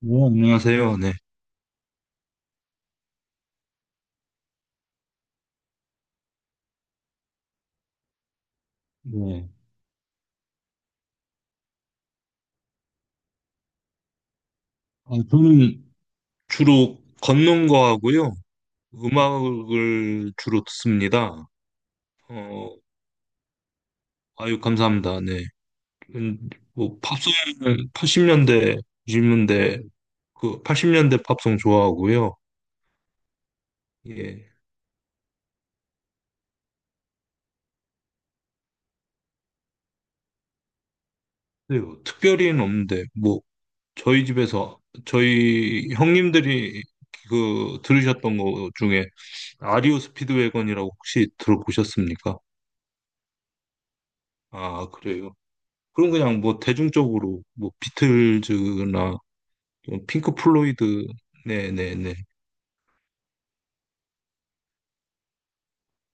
네, 안녕하세요. 네. 네. 아, 저는 주로 걷는 거 하고요. 음악을 주로 듣습니다. 어, 아유, 감사합니다. 네. 음, 뭐, 팝송은 80년대, 90년대 그 80년대 팝송 좋아하고요. 예. 네, 뭐 특별히는 없는데, 뭐, 저희 집에서, 저희 형님들이 그 들으셨던 것 중에 아리오 스피드웨건이라고 혹시 들어보셨습니까? 아, 그래요. 그럼 그냥 뭐 대중적으로 뭐 비틀즈나 뭐 핑크 플로이드 네네네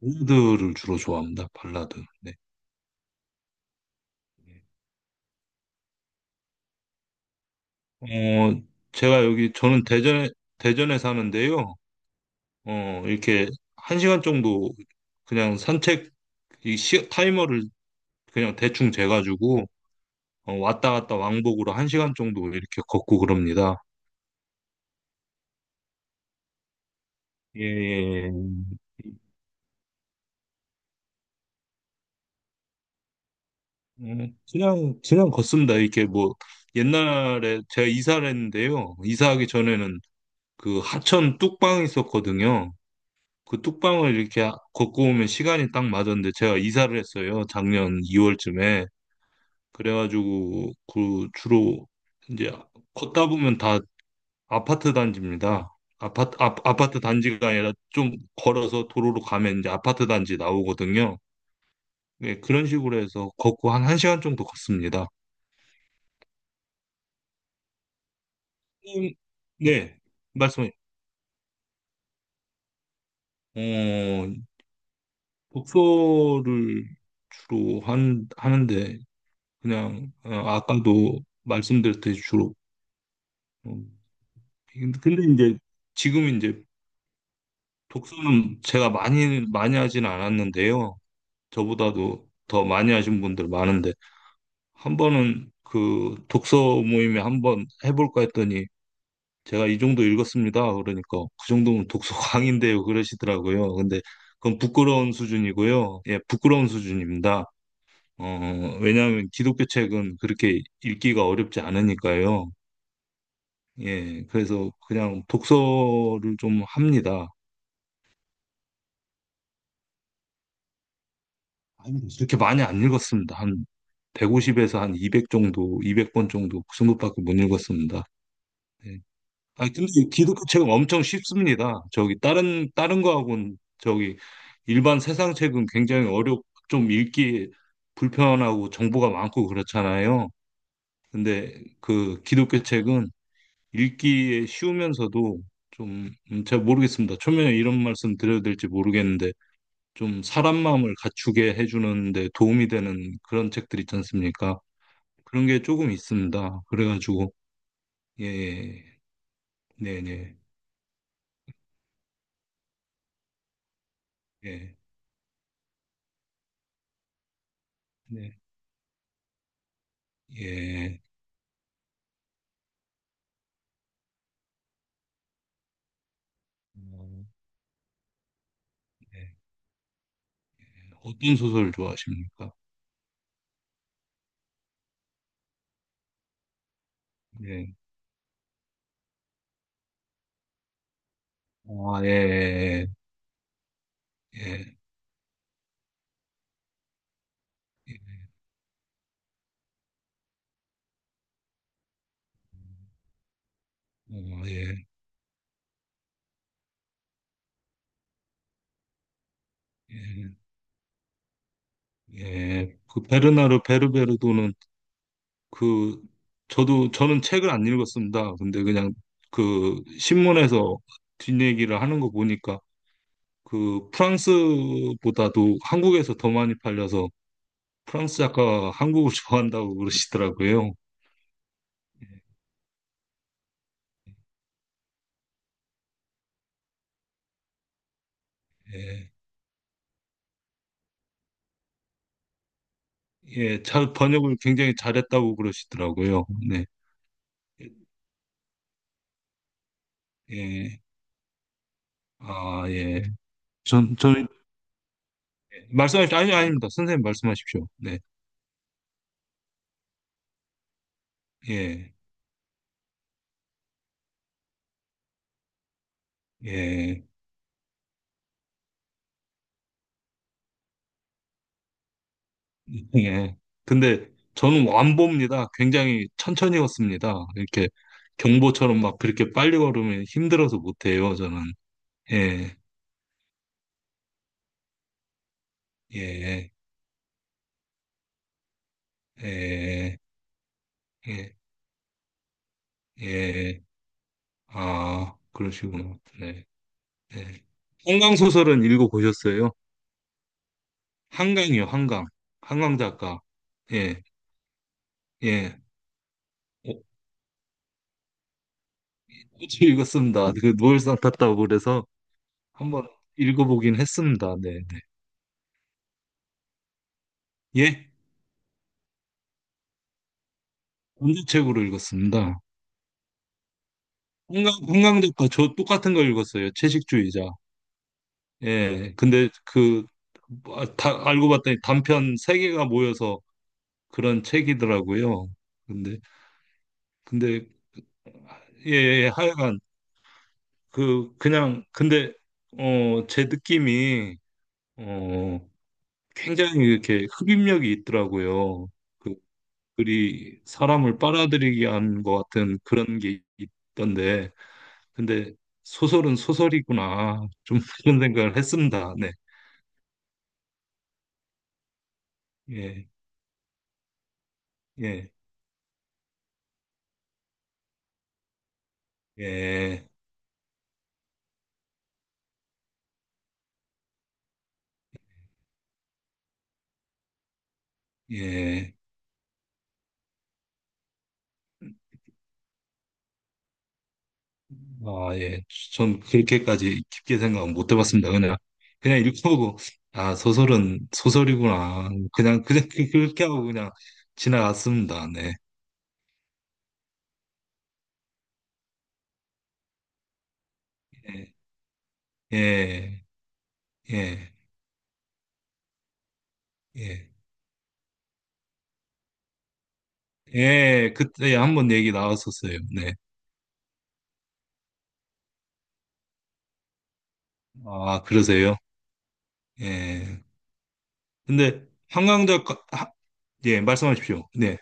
발라드를 주로 좋아합니다. 발라드. 네. 어 제가 여기 저는 대전에 사는데요. 이렇게 1시간 정도 그냥 산책 타이머를 그냥 대충 재가지고 왔다 갔다 왕복으로 1시간 정도 이렇게 걷고 그럽니다. 예, 예, 예. 네, 그냥 걷습니다. 이렇게 뭐 옛날에 제가 이사를 했는데요. 이사하기 전에는 그 하천 뚝방이 있었거든요. 그 뚝방을 이렇게 걷고 오면 시간이 딱 맞았는데 제가 이사를 했어요. 작년 2월쯤에. 그래가지고 그 주로 이제 걷다 보면 다 아파트 단지입니다. 아파트 단지가 아니라 좀 걸어서 도로로 가면 이제 아파트 단지 나오거든요. 예, 그런 식으로 해서 걷고 한 1시간 정도 걷습니다. 음, 네, 말씀해. 어, 독서를 주로 하는데, 그냥, 아까도 말씀드렸듯이 주로. 음, 근데 이제, 지금 이제, 독서는 제가 많이, 하진 않았는데요. 저보다도 더 많이 하신 분들 많은데, 한 번은 그 독서 모임에 한 번 해볼까 했더니, 제가 이 정도 읽었습니다. 그러니까 그 정도면 독서 광인데요. 그러시더라고요. 근데 그건 부끄러운 수준이고요. 예, 부끄러운 수준입니다. 왜냐하면 기독교 책은 그렇게 읽기가 어렵지 않으니까요. 예, 그래서 그냥 독서를 좀 합니다. 아니, 그렇게 많이 안 읽었습니다. 한 150에서 한 200 정도, 200권 정도, 그 정도밖에 못 읽었습니다. 예. 아, 근데 이 기독교 책은 엄청 쉽습니다. 저기 다른 거하고는 저기 일반 세상 책은 굉장히 어렵 좀 읽기 불편하고 정보가 많고 그렇잖아요. 근데 그 기독교 책은 읽기에 쉬우면서도 좀 제가 모르겠습니다. 초면에 이런 말씀 드려도 될지 모르겠는데 좀 사람 마음을 갖추게 해주는 데 도움이 되는 그런 책들 있지 않습니까? 그런 게 조금 있습니다. 그래가지고 예, 예. 네, 네, 예, 네, 예. 어, 예. 어떤 소설 좋아하십니까? 예. 아, 예, 예, 예, 예, 예, 예, 예. 그 베르나르 베르베르도는 그 저도 저는 책을 안 읽었습니다. 근데 그냥 그 신문에서 뒷얘기를 하는 거 보니까 그 프랑스보다도 한국에서 더 많이 팔려서 프랑스 작가가 한국을 좋아한다고 그러시더라고요. 예, 예, 잘 번역을 굉장히 잘했다고 그러시더라고요. 네, 예. 아, 예. 전, 저는, 말씀하십시오. 아니, 아닙니다. 선생님 말씀하십시오. 네. 예, 예, 예. 근데 저는 완보입니다. 굉장히 천천히 걷습니다. 이렇게 경보처럼 막 그렇게 빨리 걸으면 힘들어서 못해요, 저는. 예, 예, 예, 예, 예. 아, 그러시구나. 네, 네. 한강소설은 읽어보셨어요? 한강이요, 한강. 한강 작가. 예, 예. 어, 어제 읽었습니다. 그 노벨상 탔다고 그래서 한번 읽어보긴 했습니다. 네, 네. 예, 전제책으로 읽었습니다. 홍강 작가 저 똑같은 거 읽었어요. 채식주의자. 예, 근데 알고 봤더니 단편 세개가 모여서 그런 책이더라고요. 근데, 근데, 예, 예, 예, 하여간, 그냥, 근데, 제 느낌이, 어, 굉장히 이렇게 흡입력이 있더라고요. 그 그리 사람을 빨아들이게 한 것 같은 그런 게 있던데, 근데 소설은 소설이구나. 좀 그런 생각을 했습니다. 네. 예, 예, 예, 예. 아, 예. 전 그렇게까지 깊게 생각 못 해봤습니다. 그냥 읽어보고, 아, 소설은 소설이구나. 그렇게 하고 그냥 지나갔습니다. 네. 예, 예, 예, 예. 예, 그때 한번 얘기 나왔었어요. 네. 아, 그러세요? 예. 근데 예, 말씀하십시오. 네.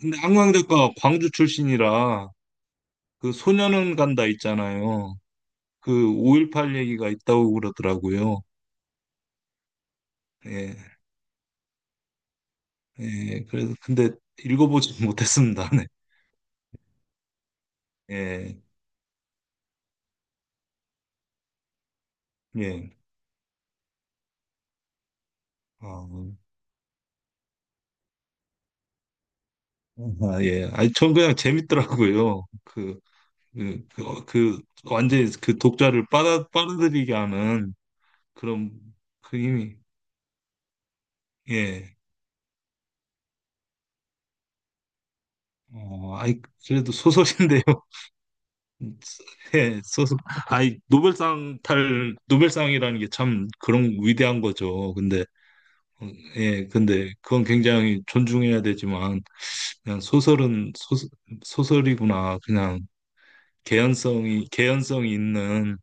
근데 한강대학과 광주 출신이라 그 소년은 간다 있잖아요. 그 5.18 얘기가 있다고 그러더라고요. 예. 예. 그래서 근데 읽어보지 못했습니다. 네. 예. 예. 아, 아, 예. 아니 전 그냥 재밌더라고요. 그 완전히 그 독자를 빨아들이게 하는 그런 그 힘이 예. 아이, 그래도 소설인데요. 네, 소서아니 노벨상 탈 노벨상이라는 게 참 그런 위대한 거죠. 근데 어, 예, 근데 그건 굉장히 존중해야 되지만 그냥 소설은 소설이구나. 그냥 개연성이 있는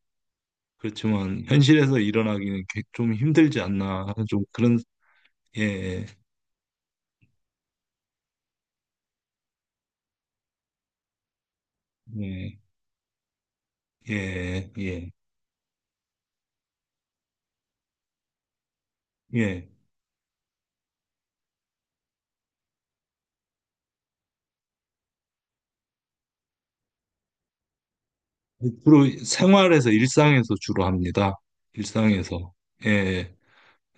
그렇지만 현실에서 일어나기는 좀 힘들지 않나. 좀 그런 예, 예, 예, 예, 예. 주로 생활에서 일상에서 주로 합니다. 일상에서 예.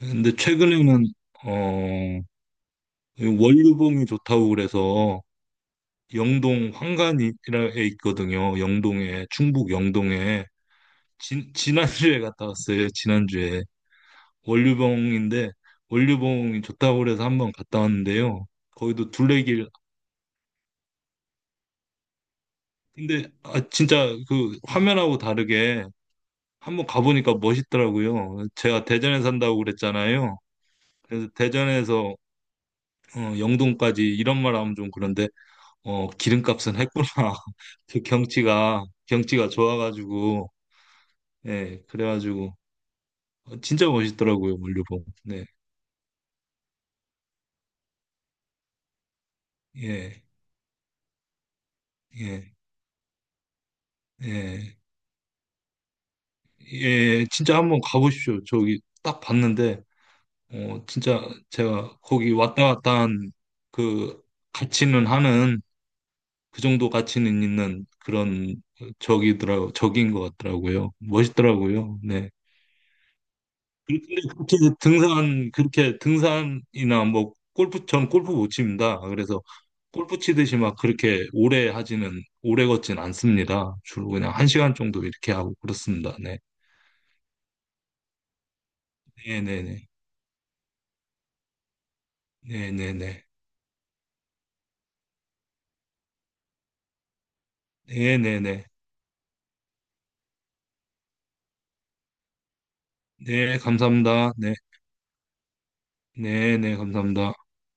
근데 최근에는 어 원류봉이 좋다고 그래서 영동 황간이라에 있거든요. 영동에 충북 영동에 지난주에 갔다 왔어요. 지난주에 원류봉인데 원류봉이 좋다고 그래서 한번 갔다 왔는데요. 거기도 둘레길 근데 아 진짜 그 화면하고 다르게 한번 가보니까 멋있더라고요. 제가 대전에 산다고 그랬잖아요. 그래서 대전에서 영동까지 이런 말 하면 좀 그런데 기름값은 했구나. 그 경치가 좋아가지고, 예, 그래가지고, 진짜 멋있더라고요, 물류봉. 네, 예, 예, 예, 예, 진짜 한번 가보십시오. 저기 딱 봤는데, 진짜 제가 거기 왔다 갔다 한 그 가치는 하는, 그 정도 가치는 있는 그런 적인 것 같더라고요. 멋있더라고요. 네. 근데 그렇게 등산이나 뭐 골프, 전 골프 못 칩니다. 그래서 골프 치듯이 막 그렇게 오래 하지는, 오래 걷진 않습니다. 주로 그냥 1시간 정도 이렇게 하고 그렇습니다. 네. 네네네. 네네네. 네네네. 네, 감사합니다. 네. 네네, 감사합니다.